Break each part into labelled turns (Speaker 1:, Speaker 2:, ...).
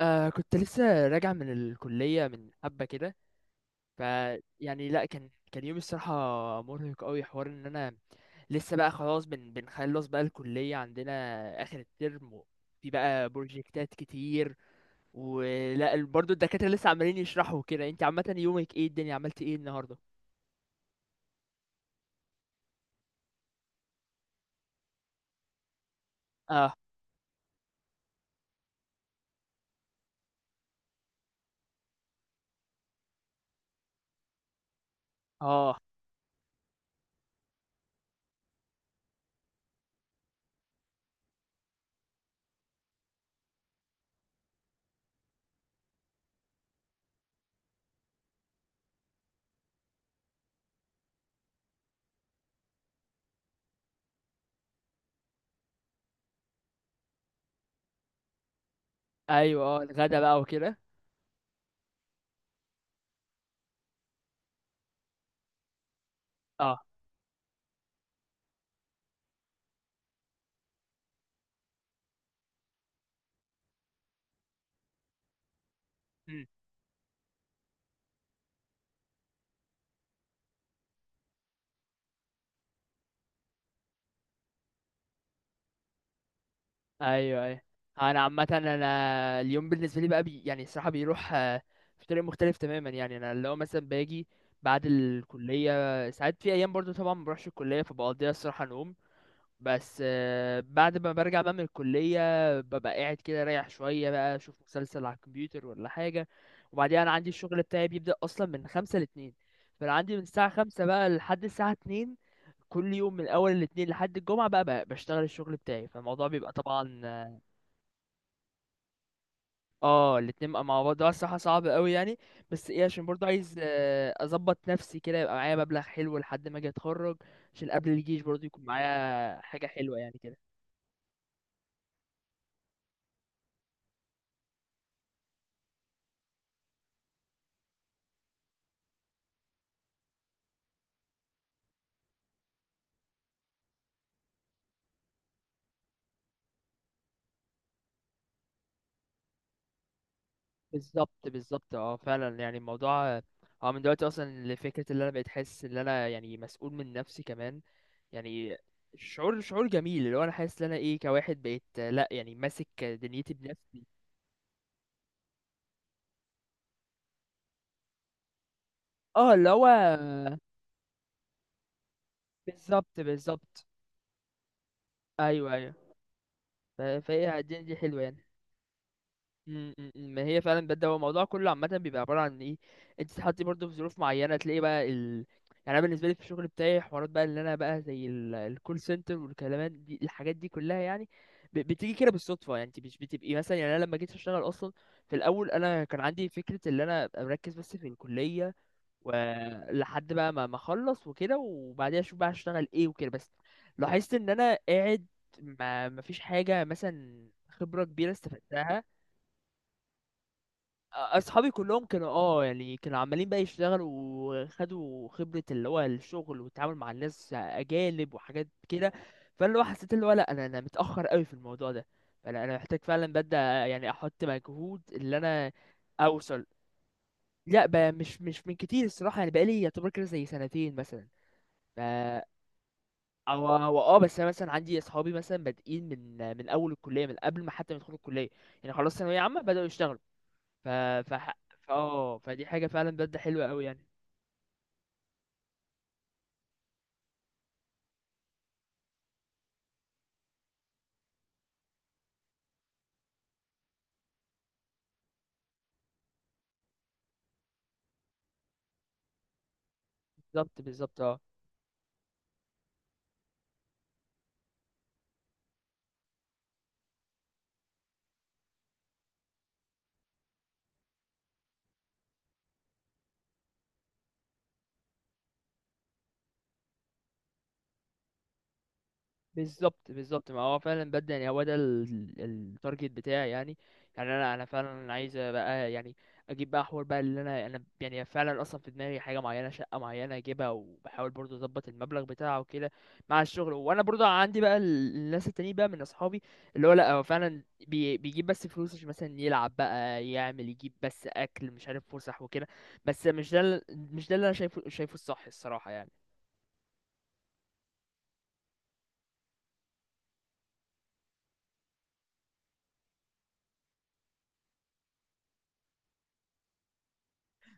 Speaker 1: كنت لسه راجع من الكلية من حبة كده. ف يعني لا كان يوم الصراحة مرهق قوي، حوار ان انا لسه، بقى خلاص بنخلص بقى الكلية عندنا اخر الترم، في بقى بروجكتات كتير. برضو الدكاترة لسه عمالين يشرحوا كده. انت عامة يومك ايه؟ الدنيا عملت ايه النهاردة؟ اه. اه. ايوه اه، الغدا بقى وكده. اه. إمم. ايوه ايوه. انا عامه، انا اليوم بالنسبه لي بقى يعني الصراحه بيروح، في طريق مختلف تماما. يعني انا اللي هو مثلا باجي بعد الكليه، ساعات في ايام برضو طبعا ما بروحش الكليه فبقضيها الصراحه نوم. بس بعد ما برجع بقى من الكليه ببقى قاعد كده رايح شويه، بقى اشوف مسلسل على الكمبيوتر ولا حاجه. وبعدين انا عندي الشغل بتاعي بيبدا اصلا من خمسة لاتنين. فانا عندي من الساعه خمسة بقى لحد الساعه اتنين كل يوم، من اول الاتنين لحد الجمعه، بقى بشتغل الشغل بتاعي. فالموضوع بيبقى طبعا اه الاتنين بقى مع بعض ده الصراحة صعب قوي يعني. بس ايه، عشان برضه عايز اظبط نفسي كده يبقى معايا مبلغ حلو لحد ما اجي اتخرج، عشان قبل الجيش برضه يكون معايا حاجة حلوة يعني كده. بالظبط بالظبط، اه فعلا يعني الموضوع، اه من دلوقتي اصلا لفكرة اللي انا بقيت حاسس ان انا يعني مسؤول من نفسي كمان. يعني شعور جميل، اللي هو انا حاسس ان انا ايه كواحد بقيت، لا يعني ماسك دنيتي بنفسي. اه اللي هو بالظبط بالظبط. ايوه ايوه. فهي الدنيا دي حلوة يعني. م- م- م. ما هي فعلا بجد، هو الموضوع كله عامة بيبقى عبارة عن ايه؟ انت تتحطي برضه في ظروف معينة تلاقي بقى ال... يعني انا بالنسبة لي في الشغل بتاعي حوارات بقى اللي انا بقى زي الكول سنتر والكلامات دي الحاجات دي كلها يعني بتيجي كده بالصدفة. يعني انت مش بتبقي مثلا، يعني انا لما جيت اشتغل اصلا في الاول انا كان عندي فكرة ان انا ابقى مركز بس في الكلية، ولحد بقى ما اخلص وكده وبعديها اشوف بقى هشتغل ايه وكده. بس لاحظت ان انا قاعد ما مفيش حاجة مثلا خبرة كبيرة استفدتها. اصحابي كلهم كانوا اه يعني كانوا عمالين بقى يشتغلوا وخدوا خبرة، اللي هو الشغل والتعامل مع الناس اجانب وحاجات كده. فاللي هو حسيت اللي هو لا، انا متأخر قوي في الموضوع ده. فانا محتاج فعلا ببدأ يعني احط مجهود اللي انا اوصل. لا بقى مش من كتير الصراحة، يعني بقالي يعتبر كده زي سنتين مثلا. ف او او اه بس انا مثلا عندي اصحابي مثلا بادئين من اول الكلية، من قبل ما حتى ما يدخلوا الكلية، يعني خلاص ثانوية عامة بدأوا يشتغلوا. ف ف اه فدي حاجة فعلا بجد حلوة قوي يعني. بالظبط بالظبط. اه بالظبط بالظبط، ما هو فعلا بدأ يعني. هو ده التارجت بتاعي يعني. يعني انا فعلا عايز بقى يعني اجيب بقى حوار بقى اللي انا يعني فعلا اصلا في دماغي حاجه معينه، شقه معينه اجيبها، وبحاول برضو اظبط المبلغ بتاعه وكده مع الشغل. وانا برضو عندي بقى الناس التانيين بقى من اصحابي اللي هو لا هو فعلا بيجيب بس فلوس عشان مثلا يلعب بقى، يعمل، يجيب بس اكل مش عارف، فسح وكده. بس مش ده مش ده اللي انا شايفه، شايفه الصح الصراحه يعني.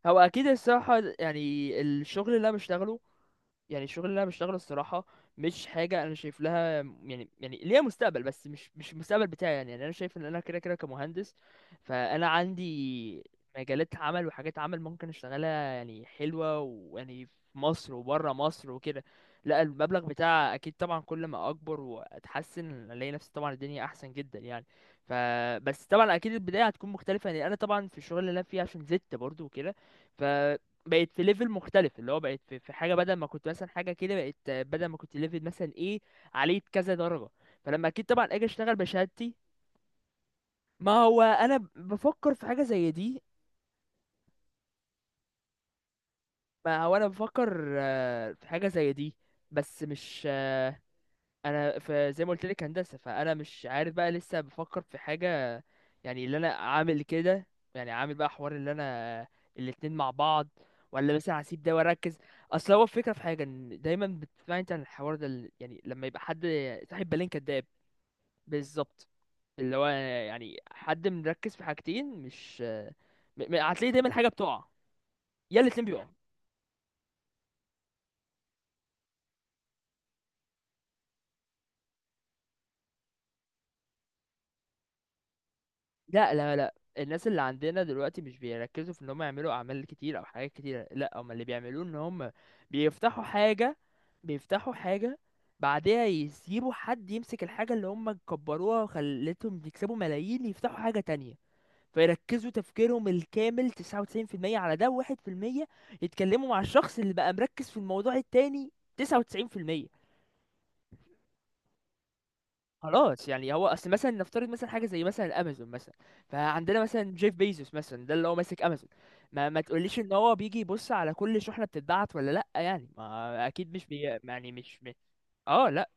Speaker 1: هو اكيد الصراحه يعني الشغل اللي انا بشتغله، يعني الشغل اللي انا بشتغله الصراحه مش حاجه انا شايف لها يعني، يعني ليها مستقبل بس مش المستقبل بتاعي يعني، يعني انا شايف ان انا كده كده كمهندس. فانا عندي مجالات عمل وحاجات عمل ممكن اشتغلها يعني حلوه، ويعني في مصر وبره مصر وكده. لا المبلغ بتاع اكيد طبعا كل ما اكبر واتحسن الاقي نفسي طبعا الدنيا احسن جدا يعني. فبس طبعا اكيد البدايه هتكون مختلفه. يعني انا طبعا في الشغل اللي انا فيه عشان زدت برضو وكده بقت في ليفل مختلف، اللي هو بقت في حاجه بدل ما كنت مثلا حاجه كده، بقت بدل ما كنت ليفل مثلا ايه عليه كذا درجه. فلما اكيد طبعا اجي اشتغل بشهادتي. ما هو انا بفكر في حاجه زي دي. ما هو انا بفكر في حاجه زي دي. بس مش، انا في زي ما قلت لك هندسه فانا مش عارف بقى لسه بفكر في حاجه، يعني اللي انا عامل كده، يعني عامل بقى حوار اللي انا الاتنين مع بعض، ولا مثلا هسيب ده واركز. اصل هو الفكره في حاجه ان دايما بتسمع انت عن الحوار ده يعني لما يبقى حد صاحب بالين كداب. بالظبط. اللي هو يعني حد مركز في حاجتين، مش م- م- هتلاقي دايما حاجه بتقع، يا الاتنين بيقعوا. لا لا لا، الناس اللي عندنا دلوقتي مش بيركزوا في ان هم يعملوا اعمال كتير او حاجات كتير، لا هم اللي بيعملوه ان هم بيفتحوا حاجة، بيفتحوا حاجة بعدها يسيبوا حد يمسك الحاجة اللي هم كبروها وخلتهم يكسبوا ملايين، يفتحوا حاجة تانية. فيركزوا تفكيرهم الكامل 99% على ده، وواحد في المية يتكلموا مع الشخص اللي بقى مركز في الموضوع التاني. 99%. خلاص يعني. هو اصل مثلا نفترض مثلا حاجه زي مثلا امازون مثلا، فعندنا مثلا جيف بيزوس مثلا ده اللي هو ماسك امازون. ما تقوليش ان هو بيجي يبص على كل شحنه بتتبعت ولا لا، يعني ما اكيد مش بي يعني مش بي... اه لا.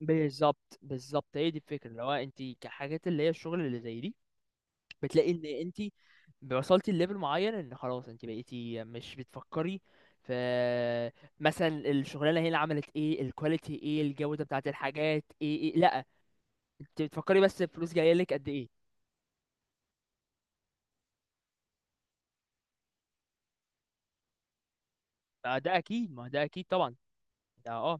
Speaker 1: بالظبط بالظبط، هي دي الفكره. اللي هو انت كحاجات اللي هي الشغل اللي زي دي بتلاقي ان انت وصلتي لليفل معين ان خلاص انت بقيتي مش بتفكري في مثلا الشغلانه هنا عملت ايه، الكواليتي ايه، الجوده بتاعت الحاجات ايه، إيه. لا، انت بتفكري بس الفلوس جايه لك قد ايه. ده اكيد، ما هو ده اكيد طبعا. ده اه،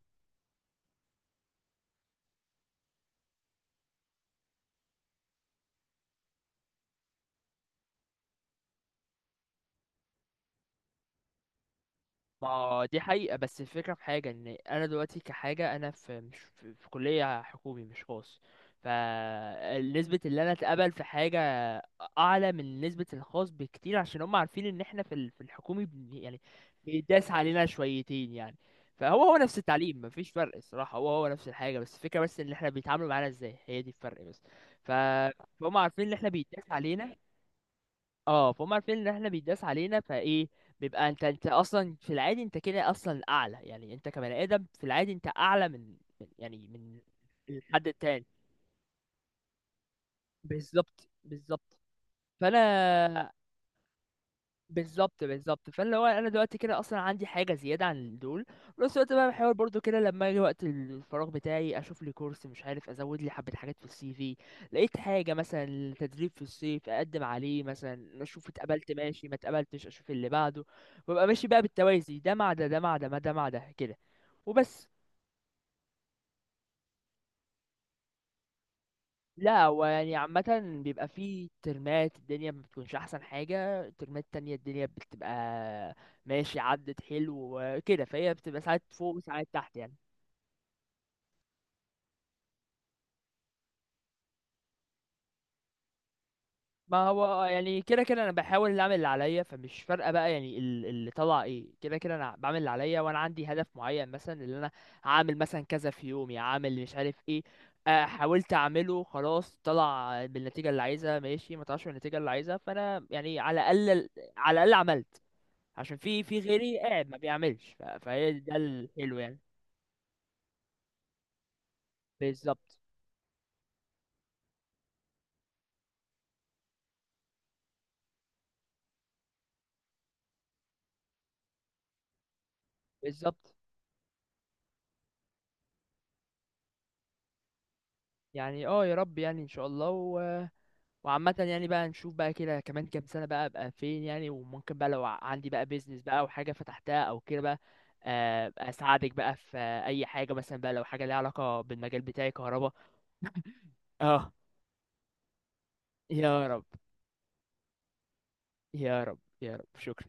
Speaker 1: ما هو دي حقيقه. بس الفكره في حاجه ان انا دلوقتي كحاجه انا في كليه حكومي مش خاص. فنسبة اللي انا اتقبل في حاجة اعلى من نسبة الخاص بكتير، عشان هم عارفين ان احنا في في الحكومي يعني بيداس علينا شويتين يعني. فهو هو نفس التعليم مفيش فرق الصراحة، هو هو نفس الحاجة، بس الفكرة بس ان احنا بيتعاملوا معانا ازاي، هي دي الفرق بس. ف- فهم عارفين ان احنا بيداس علينا. اه فهم عارفين ان احنا بيداس علينا فايه، بيبقى انت، انت اصلا في العادي انت كده اصلا اعلى، يعني انت كبني ادم في العادي انت اعلى من يعني من الحد التاني. بالظبط بالظبط. فانا بالظبط بالظبط، فاللي هو انا دلوقتي كده اصلا عندي حاجه زياده عن دول. في نفس الوقت بقى بحاول برضو كده لما اجي وقت الفراغ بتاعي اشوف لي كورس، مش عارف ازود لي حبه حاجات في السي في، لقيت حاجه مثلا تدريب في الصيف اقدم عليه مثلا، اشوف اتقبلت ماشي ما اتقبلتش اشوف اللي بعده. وابقى ماشي بقى بالتوازي، ده مع ده، ده مع ده، ما ده مع ده كده. وبس. لا هو يعني عامة بيبقى فيه ترمات الدنيا ما بتكونش أحسن حاجة، ترمات تانية الدنيا بتبقى ماشي عدت حلو كده. فهي بتبقى ساعات فوق وساعات تحت يعني. ما هو يعني كده كده أنا بحاول أعمل اللي عليا فمش فارقة بقى. يعني اللي طلع إيه، كده كده أنا بعمل اللي عليا، وأنا عندي هدف معين مثلا اللي أنا هعمل مثلا كذا في يومي، هعمل مش عارف إيه. حاولت أعمله خلاص، طلع بالنتيجة اللي عايزها ماشي ما طلعش بالنتيجة اللي عايزها، فأنا يعني على الأقل، على الأقل عملت، عشان في في غيري قاعد ما بيعملش. فهي ده الحلو يعني. بالظبط بالظبط. يعني اه يا رب يعني ان شاء الله. و... وعامة يعني بقى نشوف بقى كده كمان كام سنة بقى ابقى فين يعني، وممكن بقى لو عندي بقى بيزنس بقى او حاجة فتحتها او كده بقى أبقى اساعدك بقى في اي حاجة مثلا بقى، لو حاجة ليها علاقة بالمجال بتاعي كهرباء. اه يا رب. يا رب يا رب، شكرا.